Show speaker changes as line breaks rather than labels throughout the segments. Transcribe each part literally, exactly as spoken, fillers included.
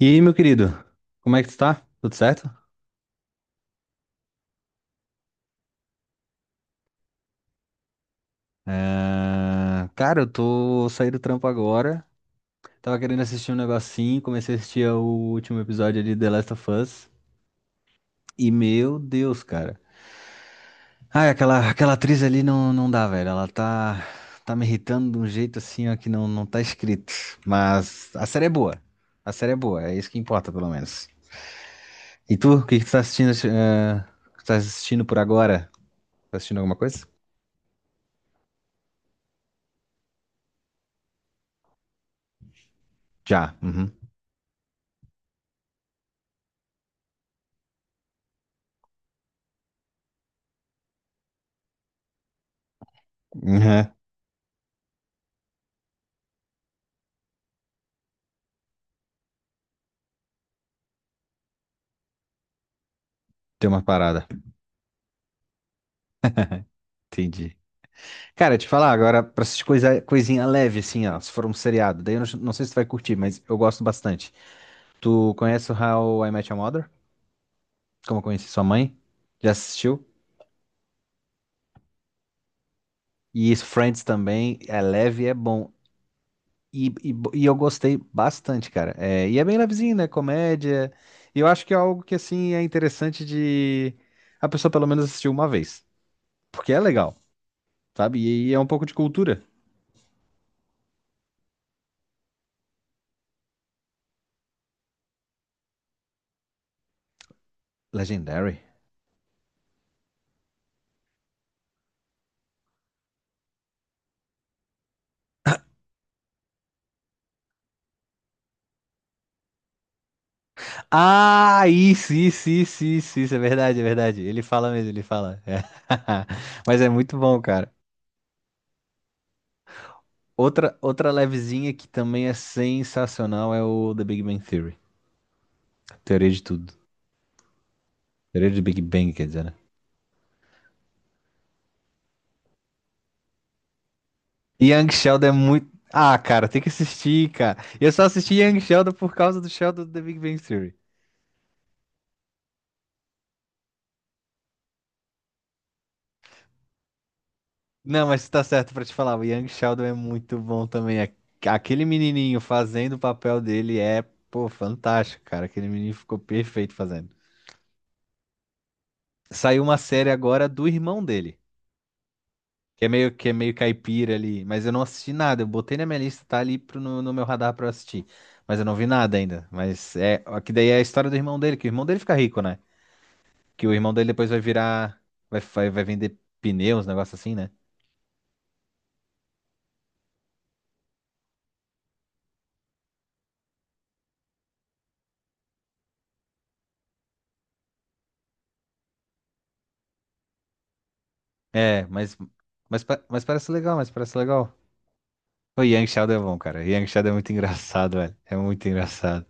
E aí, meu querido, como é que tu tá? Tudo certo? Ah, cara, eu tô saindo do trampo agora. Tava querendo assistir um negocinho, comecei a assistir o último episódio ali de The Last of Us. E meu Deus, cara. Ai, aquela, aquela atriz ali não, não dá, velho. Ela tá, tá me irritando de um jeito assim, ó, que não, não tá escrito. Mas a série é boa. A série é boa, é isso que importa, pelo menos. E tu, o que que tu tá assistindo, eh, que tu tá assistindo por agora? Tá assistindo alguma coisa? Já. Uhum. Uhum. Tem uma parada. Entendi. Cara, te falar agora, pra essas coisa, coisinha leve, assim, ó, se for um seriado, daí eu não, não sei se tu vai curtir, mas eu gosto bastante. Tu conhece o How I Met Your Mother? Como eu conheci sua mãe? Já assistiu? E isso, Friends também, é leve e é bom. E, e, bo- e eu gostei bastante, cara. É, e é bem levezinho, né? Comédia. E eu acho que é algo que, assim, é interessante de a pessoa pelo menos assistir uma vez. Porque é legal, sabe? E, e é um pouco de cultura. Legendary. Ah, isso, isso, isso, isso, isso, é verdade, é verdade. Ele fala mesmo, ele fala. É. Mas é muito bom, cara. Outra, outra levezinha que também é sensacional é o The Big Bang Theory. Teoria de tudo. Teoria de Big Bang, quer dizer, né? Young Sheldon é muito. Ah, cara, tem que assistir, cara. Eu só assisti Young Sheldon por causa do Sheldon do The Big Bang Theory. Não, mas tá certo pra te falar, o Young Sheldon é muito bom também. A- Aquele menininho fazendo o papel dele é, pô, fantástico, cara. Aquele menino ficou perfeito fazendo. Saiu uma série agora do irmão dele, que é meio que é meio caipira ali, mas eu não assisti nada. Eu botei na minha lista, tá ali pro- no, no meu radar pra eu assistir, mas eu não vi nada ainda. Mas é, ó, que daí é a história do irmão dele, que o irmão dele fica rico, né? Que o irmão dele depois vai virar, vai, vai, vai vender pneus, um negócio assim, né? É, mas, mas, pa- mas parece legal, mas parece legal. O Yang Shadow é bom, cara. Yang Shadow é muito engraçado, velho. É muito engraçado.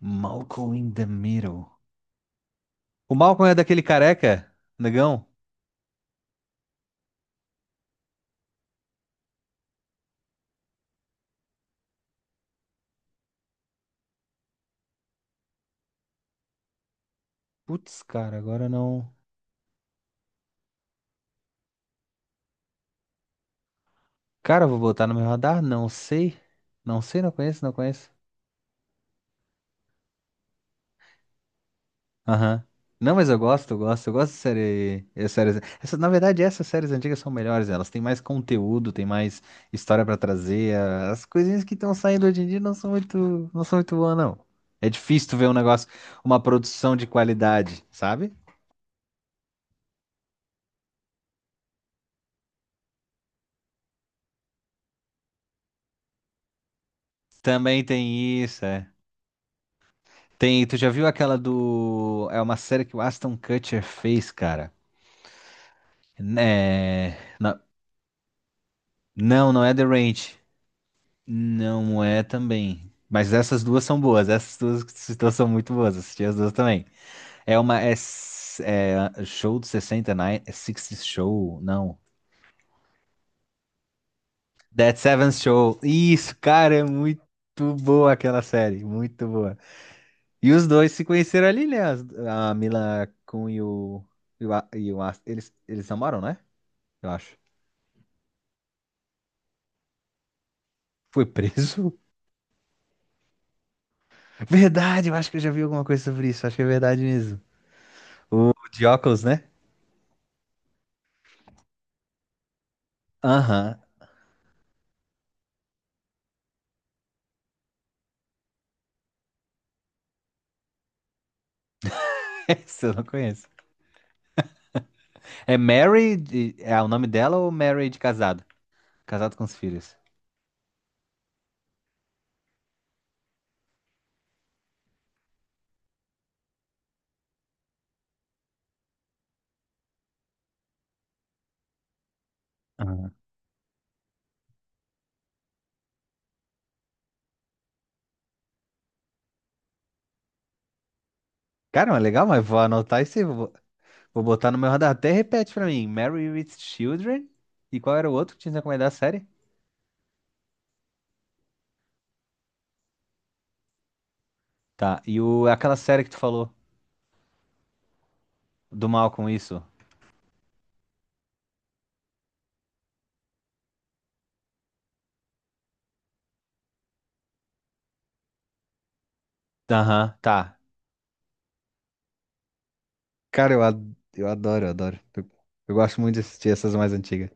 Malcolm in the Middle. O Malcolm é daquele careca, negão? Putz, cara, agora não. Cara, eu vou botar no meu radar? Não sei. Não sei, não conheço, não conheço. Aham. Não, mas eu gosto, eu gosto. Eu gosto de série, eh, séries. Essa, na verdade, essas séries antigas são melhores. Elas têm mais conteúdo, têm mais história pra trazer. a- As coisinhas que estão saindo hoje em dia não são muito, não são muito boas, não. É difícil tu ver um negócio, uma produção de qualidade, sabe? Também tem isso, é. Tem, tu já viu aquela do. É uma série que o Aston Kutcher fez, cara. É... na- Não, não, é The Ranch. Não é também. Mas essas duas são boas. Essas duas situações são muito boas. Assisti as duas também. É uma. É, s- é show do sessenta e nove. É sessenta Show? Não. That Seventh Show. Isso, cara, é muito boa aquela série. Muito boa. E os dois se conheceram ali, né? As- A Mila Kun e o. E o, A- e o As- eles, eles namoram, né? Eu acho. Foi preso? Verdade, eu acho que eu já vi alguma coisa sobre isso. Acho que é verdade mesmo. O de óculos, né? Aham. Essa eu não conheço. É Mary, de- é o nome dela ou Mary de casado? Casado com os filhos. Aham. Cara, é legal, mas vou anotar isso aí, vou, vou botar no meu radar. Até repete pra mim, Mary with Children? E qual era o outro que tinha recomendado a série? Tá, e o, aquela série que tu falou, do mal com isso? Aham, tá. Cara, eu, ad- eu adoro, eu adoro. Eu, eu gosto muito de assistir essas mais antigas,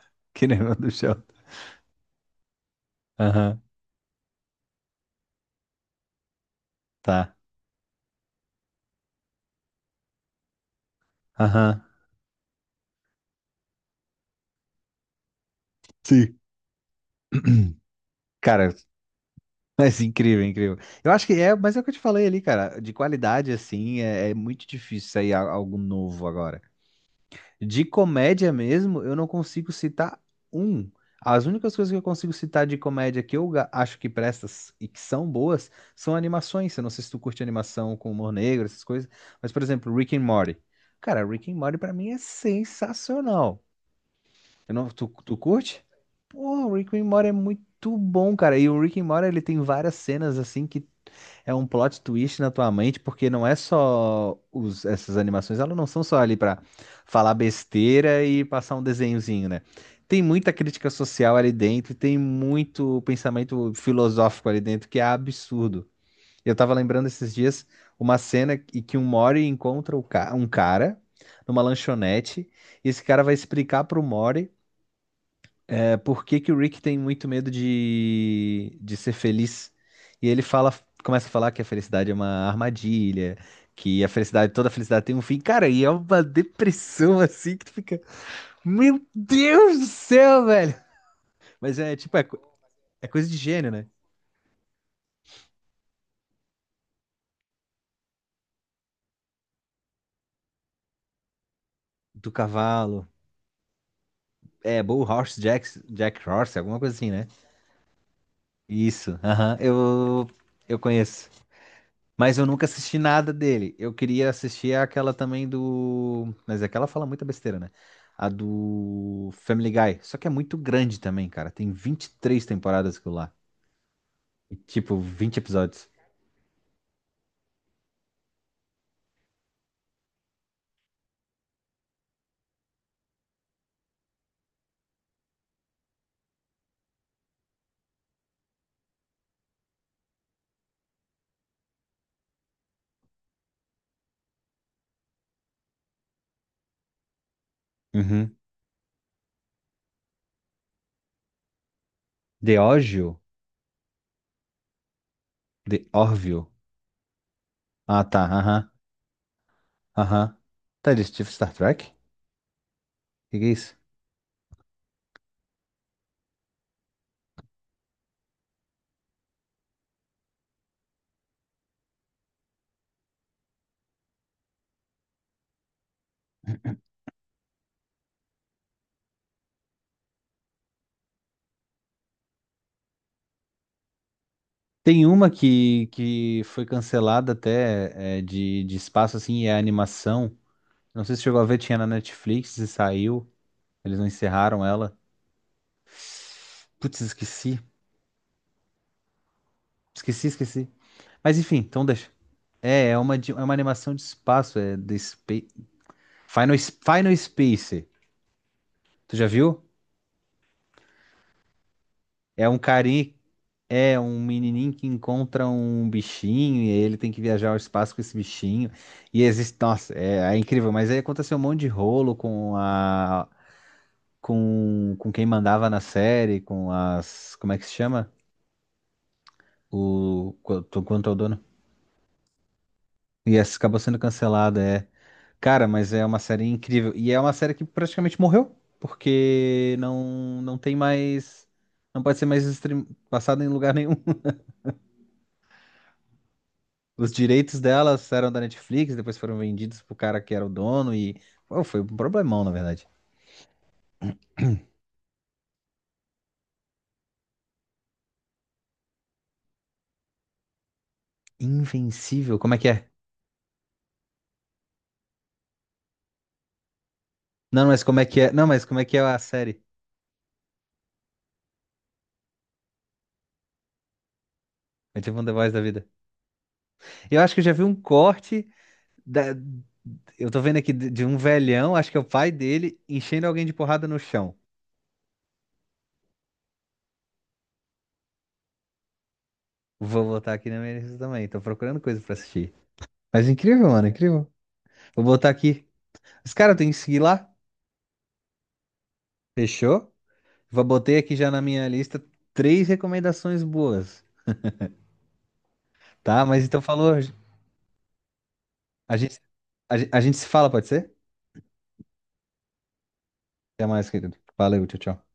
que nem o do Sheldon. Aham, tá. Aham. Sim. Cara, mas incrível, incrível. Eu acho que é, mas é o que eu te falei ali, cara. De qualidade, assim, é, é muito difícil sair a- algo novo agora. De comédia mesmo, eu não consigo citar um. As únicas coisas que eu consigo citar de comédia que eu ga- acho que prestas e que são boas são animações. Eu não sei se tu curte animação com humor negro, essas coisas. Mas, por exemplo, Rick and Morty. Cara, Rick and Morty pra mim é sensacional. Eu não, tu, tu curte? Pô, o Rick and Morty é muito bom, cara. E o Rick and Morty, ele tem várias cenas assim que é um plot twist na tua mente, porque não é só os- essas animações, elas não são só ali pra falar besteira e passar um desenhozinho, né? Tem muita crítica social ali dentro, e tem muito pensamento filosófico ali dentro, que é absurdo. Eu tava lembrando esses dias uma cena em que um Mori encontra o ca- um cara numa lanchonete, e esse cara vai explicar pro Mori. É por que que o Rick tem muito medo de, de ser feliz? E ele fala, começa a falar que a felicidade é uma armadilha, que a felicidade, toda felicidade tem um fim. Cara, e é uma depressão assim que tu fica, meu Deus do céu, velho! Mas é tipo, é, co- é coisa de gênio, né? Do cavalo. É, Bull Horse Jack, Jack Horse, alguma coisa assim, né? Isso, aham, eu, eu conheço. Mas eu nunca assisti nada dele. Eu queria assistir aquela também do. Mas aquela fala muita besteira, né? A do Family Guy. Só que é muito grande também, cara. Tem vinte e três temporadas aquilo lá. E, tipo, vinte episódios. Uhum. The Orville? The Orville. Ah, tá. Aham. Aham. Tá, eles tipo Star Trek? O que que é isso? Tem uma que, que foi cancelada até é, de, de espaço, assim, e é animação. Não sei se chegou a ver, tinha na Netflix e saiu. Eles não encerraram ela. Putz, esqueci. Esqueci, esqueci. Mas enfim, então deixa. É, é uma, de- é uma animação de espaço, é de Space, Final, S- Final Space. Tu já viu? É um carinha, é um menininho que encontra um bichinho e ele tem que viajar ao espaço com esse bichinho. E existe, nossa, é, é incrível, mas aí aconteceu um monte de rolo com a com, com quem mandava na série, com as, como é que se chama? O quanto quanto ao dono. E essa acabou sendo cancelada, é. Cara, mas é uma série incrível. E é uma série que praticamente morreu, porque não, não tem mais. Não pode ser mais stream... passada em lugar nenhum. Os direitos delas eram da Netflix, depois foram vendidos pro cara que era o dono e. Pô, foi um problemão, na verdade. Invencível, como é que é? Não, mas como é que é? Não, mas como é que é a série? É tipo um The Voice da vida. Eu acho que eu já vi um corte da. Eu tô vendo aqui de de um velhão, acho que é o pai dele, enchendo alguém de porrada no chão. Vou botar aqui na minha lista também. Tô procurando coisa pra assistir. Mas incrível, mano, incrível. Vou botar aqui. Os caras têm que seguir lá. Fechou? Vou botei aqui já na minha lista três recomendações boas. Tá? Mas então falou. A gente, a, gente- a gente se fala, pode ser? Até mais, querido. Valeu, tchau, tchau.